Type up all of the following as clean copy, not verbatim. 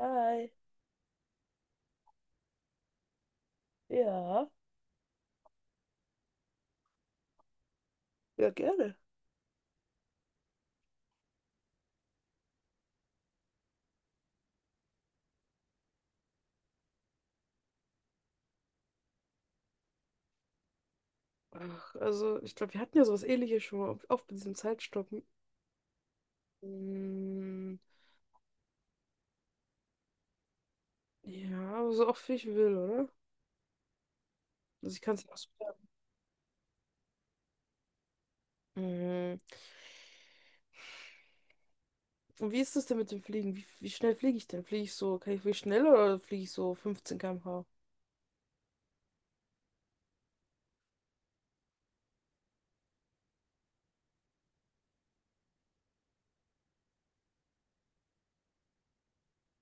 Hi. Ja. Ja, gerne. Ach, also, ich glaube, wir hatten ja sowas Ähnliches schon mal, auch mit diesem Zeitstoppen. Mm, ja, aber so oft wie ich will, oder? Also, ich kann es nicht ausprobieren. Mhm. Und wie ist das denn mit dem Fliegen? Wie schnell fliege ich denn? Fliege ich so, kann ich fliegen schnell oder fliege ich so 15 km/h?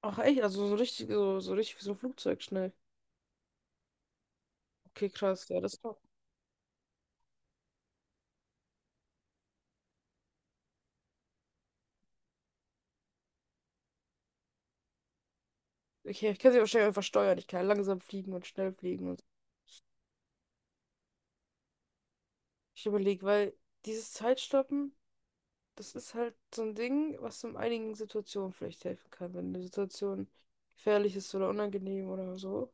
Ach, echt? Also, so richtig, so richtig wie so ein Flugzeug schnell. Okay, krass, ja, das ist doch. Ich kann sie wahrscheinlich einfach steuern. Ich kann langsam fliegen und schnell fliegen und so. Ich überlege, weil dieses Zeitstoppen. Das ist halt so ein Ding, was in einigen Situationen vielleicht helfen kann, wenn eine Situation gefährlich ist oder unangenehm oder so.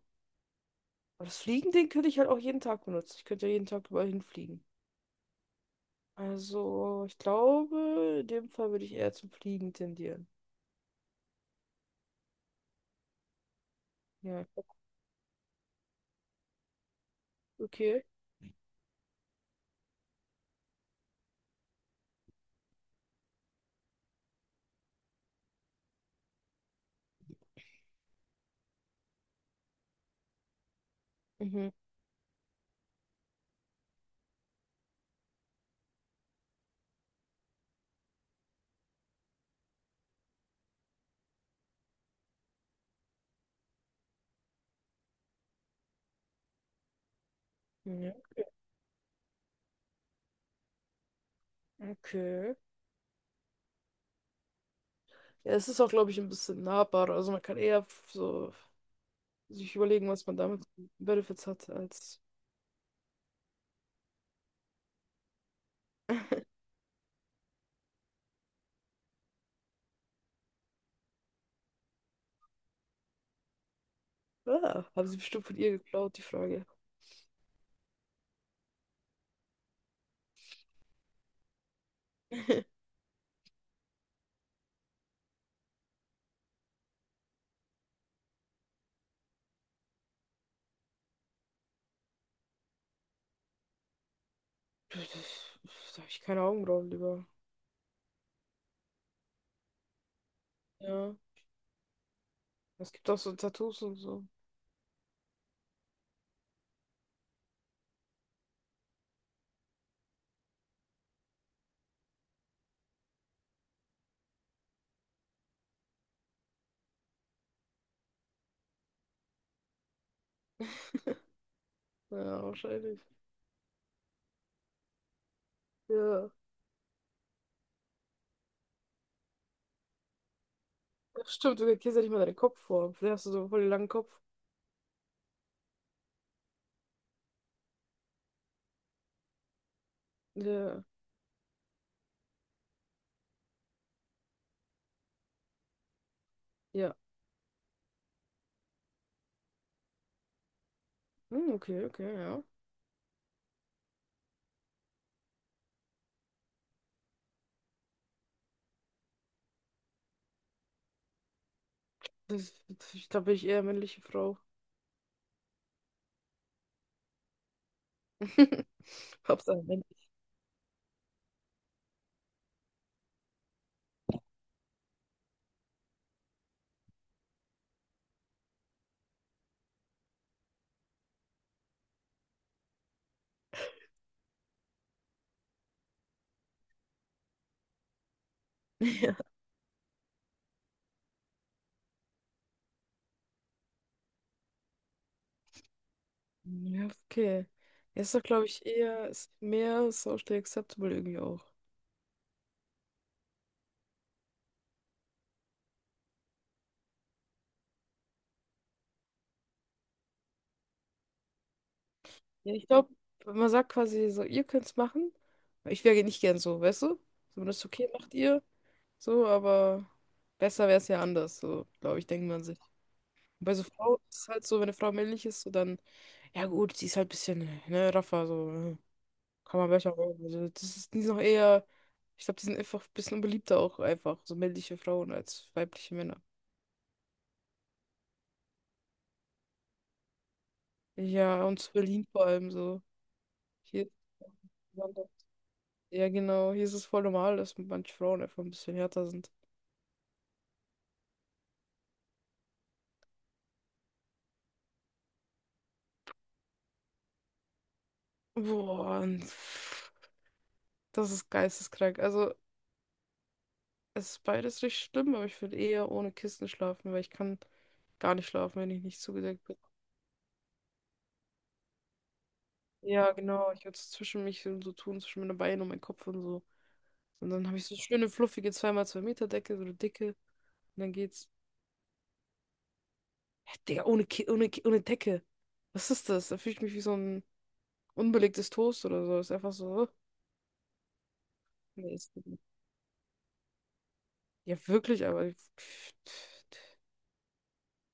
Aber das Fliegen-Ding könnte ich halt auch jeden Tag benutzen. Ich könnte ja jeden Tag überall hinfliegen. Also, ich glaube, in dem Fall würde ich eher zum Fliegen tendieren. Ja, okay. Mhm. Ja, okay. Ja, es ist auch, glaube ich, ein bisschen nahbarer. Also, man kann eher so sich überlegen, was man damit für Benefits hat, als. Ah, haben sie bestimmt von ihr geklaut, die Frage. Da habe ich keine Augenbrauen lieber. Ja. Es gibt auch so Tattoos und so. Ja, wahrscheinlich. Ja. Ach, stimmt, du erkennst ja nicht mal deinen Kopf vor. Vielleicht hast du so voll den langen Kopf. Ja. Ja. Hm, okay, okay, ja. Das, ich glaube, bin ich eher männliche Frau. Hauptsache männlich. Ja. Ja, okay. Er ist doch, glaube ich, eher, ist mehr socially acceptable irgendwie auch. Ja, ich glaube, man sagt quasi so, ihr könnt's machen. Ich wäre nicht gern so, weißt du? So, wenn das ist okay, macht ihr. So, aber besser wäre es ja anders, so, glaube ich, denkt man sich. Und bei so Frau ist es halt so, wenn eine Frau männlich ist, so dann, ja gut, sie ist halt ein bisschen, ne, raffer, so, kann man besser machen. Also, das ist, die sind noch eher, ich glaube, die sind einfach ein bisschen unbeliebter auch einfach, so männliche Frauen als weibliche Männer. Ja, und zu Berlin vor allem so. Hier. Ja, genau. Hier ist es voll normal, dass manche Frauen einfach ein bisschen härter sind. Boah, und pff, das ist geisteskrank. Also, es ist beides richtig schlimm, aber ich würde eher ohne Kissen schlafen, weil ich kann gar nicht schlafen, wenn ich nicht zugedeckt bin. Ja, genau. Ich würde es zwischen mich und so tun, zwischen meine Beine und meinen Kopf und so. Und dann habe ich so schöne, fluffige 2x2 Meter Decke, so eine dicke. Und dann geht's. Hä, Digga, ohne Decke. Was ist das? Da fühle ich mich wie so ein unbelegtes Toast oder so. Ist einfach so. Nee, ist gut. Ja, wirklich, aber pff,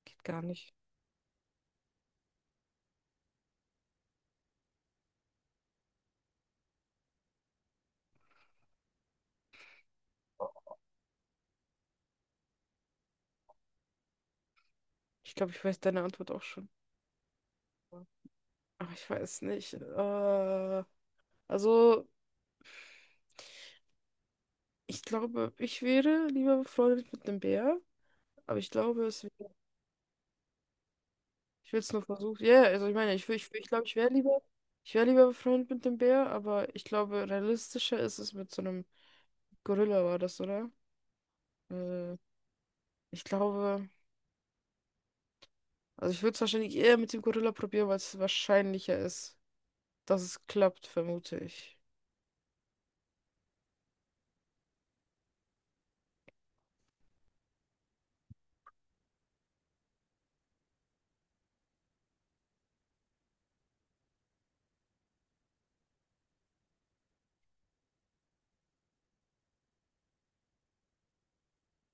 geht gar nicht. Ich glaube, ich weiß deine Antwort auch schon. Aber ich weiß nicht. Also, ich glaube, ich wäre lieber befreundet mit einem Bär. Aber ich glaube, es wäre, ich will es nur versuchen. Ja, also ich meine, ich glaube, ich wäre lieber befreundet mit dem Bär, aber ich glaube, realistischer ist es mit so einem Gorilla, war das, oder? Äh, ich glaube, also ich würde es wahrscheinlich eher mit dem Gorilla probieren, weil es wahrscheinlicher ist, dass es klappt, vermute ich.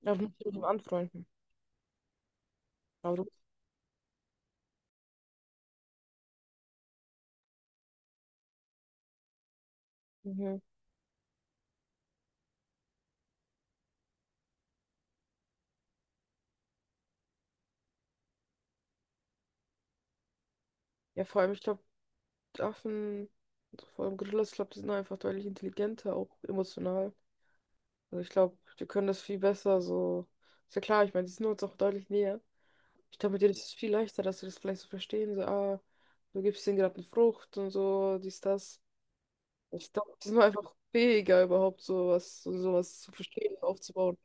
Ja, du musst dich mit ihm anfreunden. Aber du, mhm. Ja, vor allem, ich glaube, Affen, also vor allem Gorillas, ich glaube, die sind einfach deutlich intelligenter, auch emotional. Also ich glaube, die können das viel besser so. Ist ja klar, ich meine, die sind uns auch deutlich näher. Ich glaube, mit denen ist es viel leichter, dass sie das vielleicht so verstehen. So, ah, du gibst ihnen gerade eine Frucht und so, dies, das. Ich glaube, die sind einfach fähiger, überhaupt sowas, so sowas zu verstehen und aufzubauen.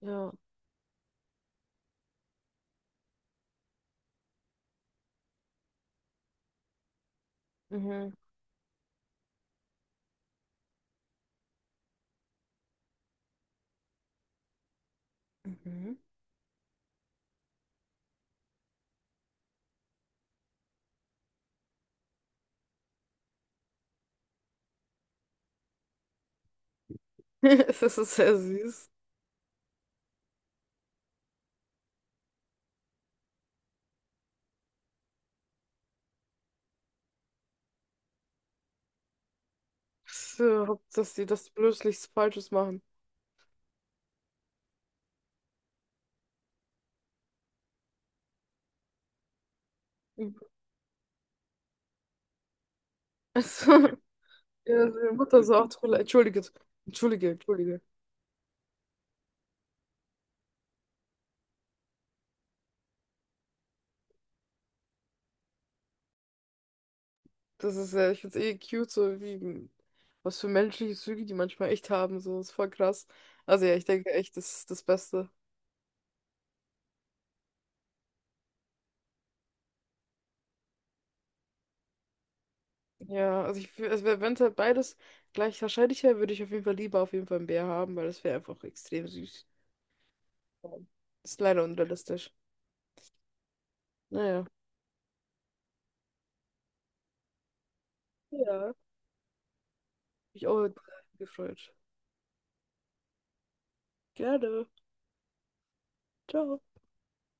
Ja. Mhm. Mhm. Das ist sehr süß. So, dass die das bloß nichts Falsches machen. Mhm. Also, ja, meine Mutter so, ach, tut mir leid, entschuldige, entschuldige, entschuldige. Das ist, ich find's eh cute, so wie, was für menschliche Züge die manchmal echt haben, so, ist voll krass. Also ja, ich denke echt, das ist das Beste. Ja, also also wenn es halt beides gleich wahrscheinlich wäre, würde ich auf jeden Fall lieber auf jeden Fall einen Bär haben, weil das wäre einfach extrem süß. Ja. Ist leider unrealistisch. Naja. Ja. Mich auch gefreut. Gerne. Ciao.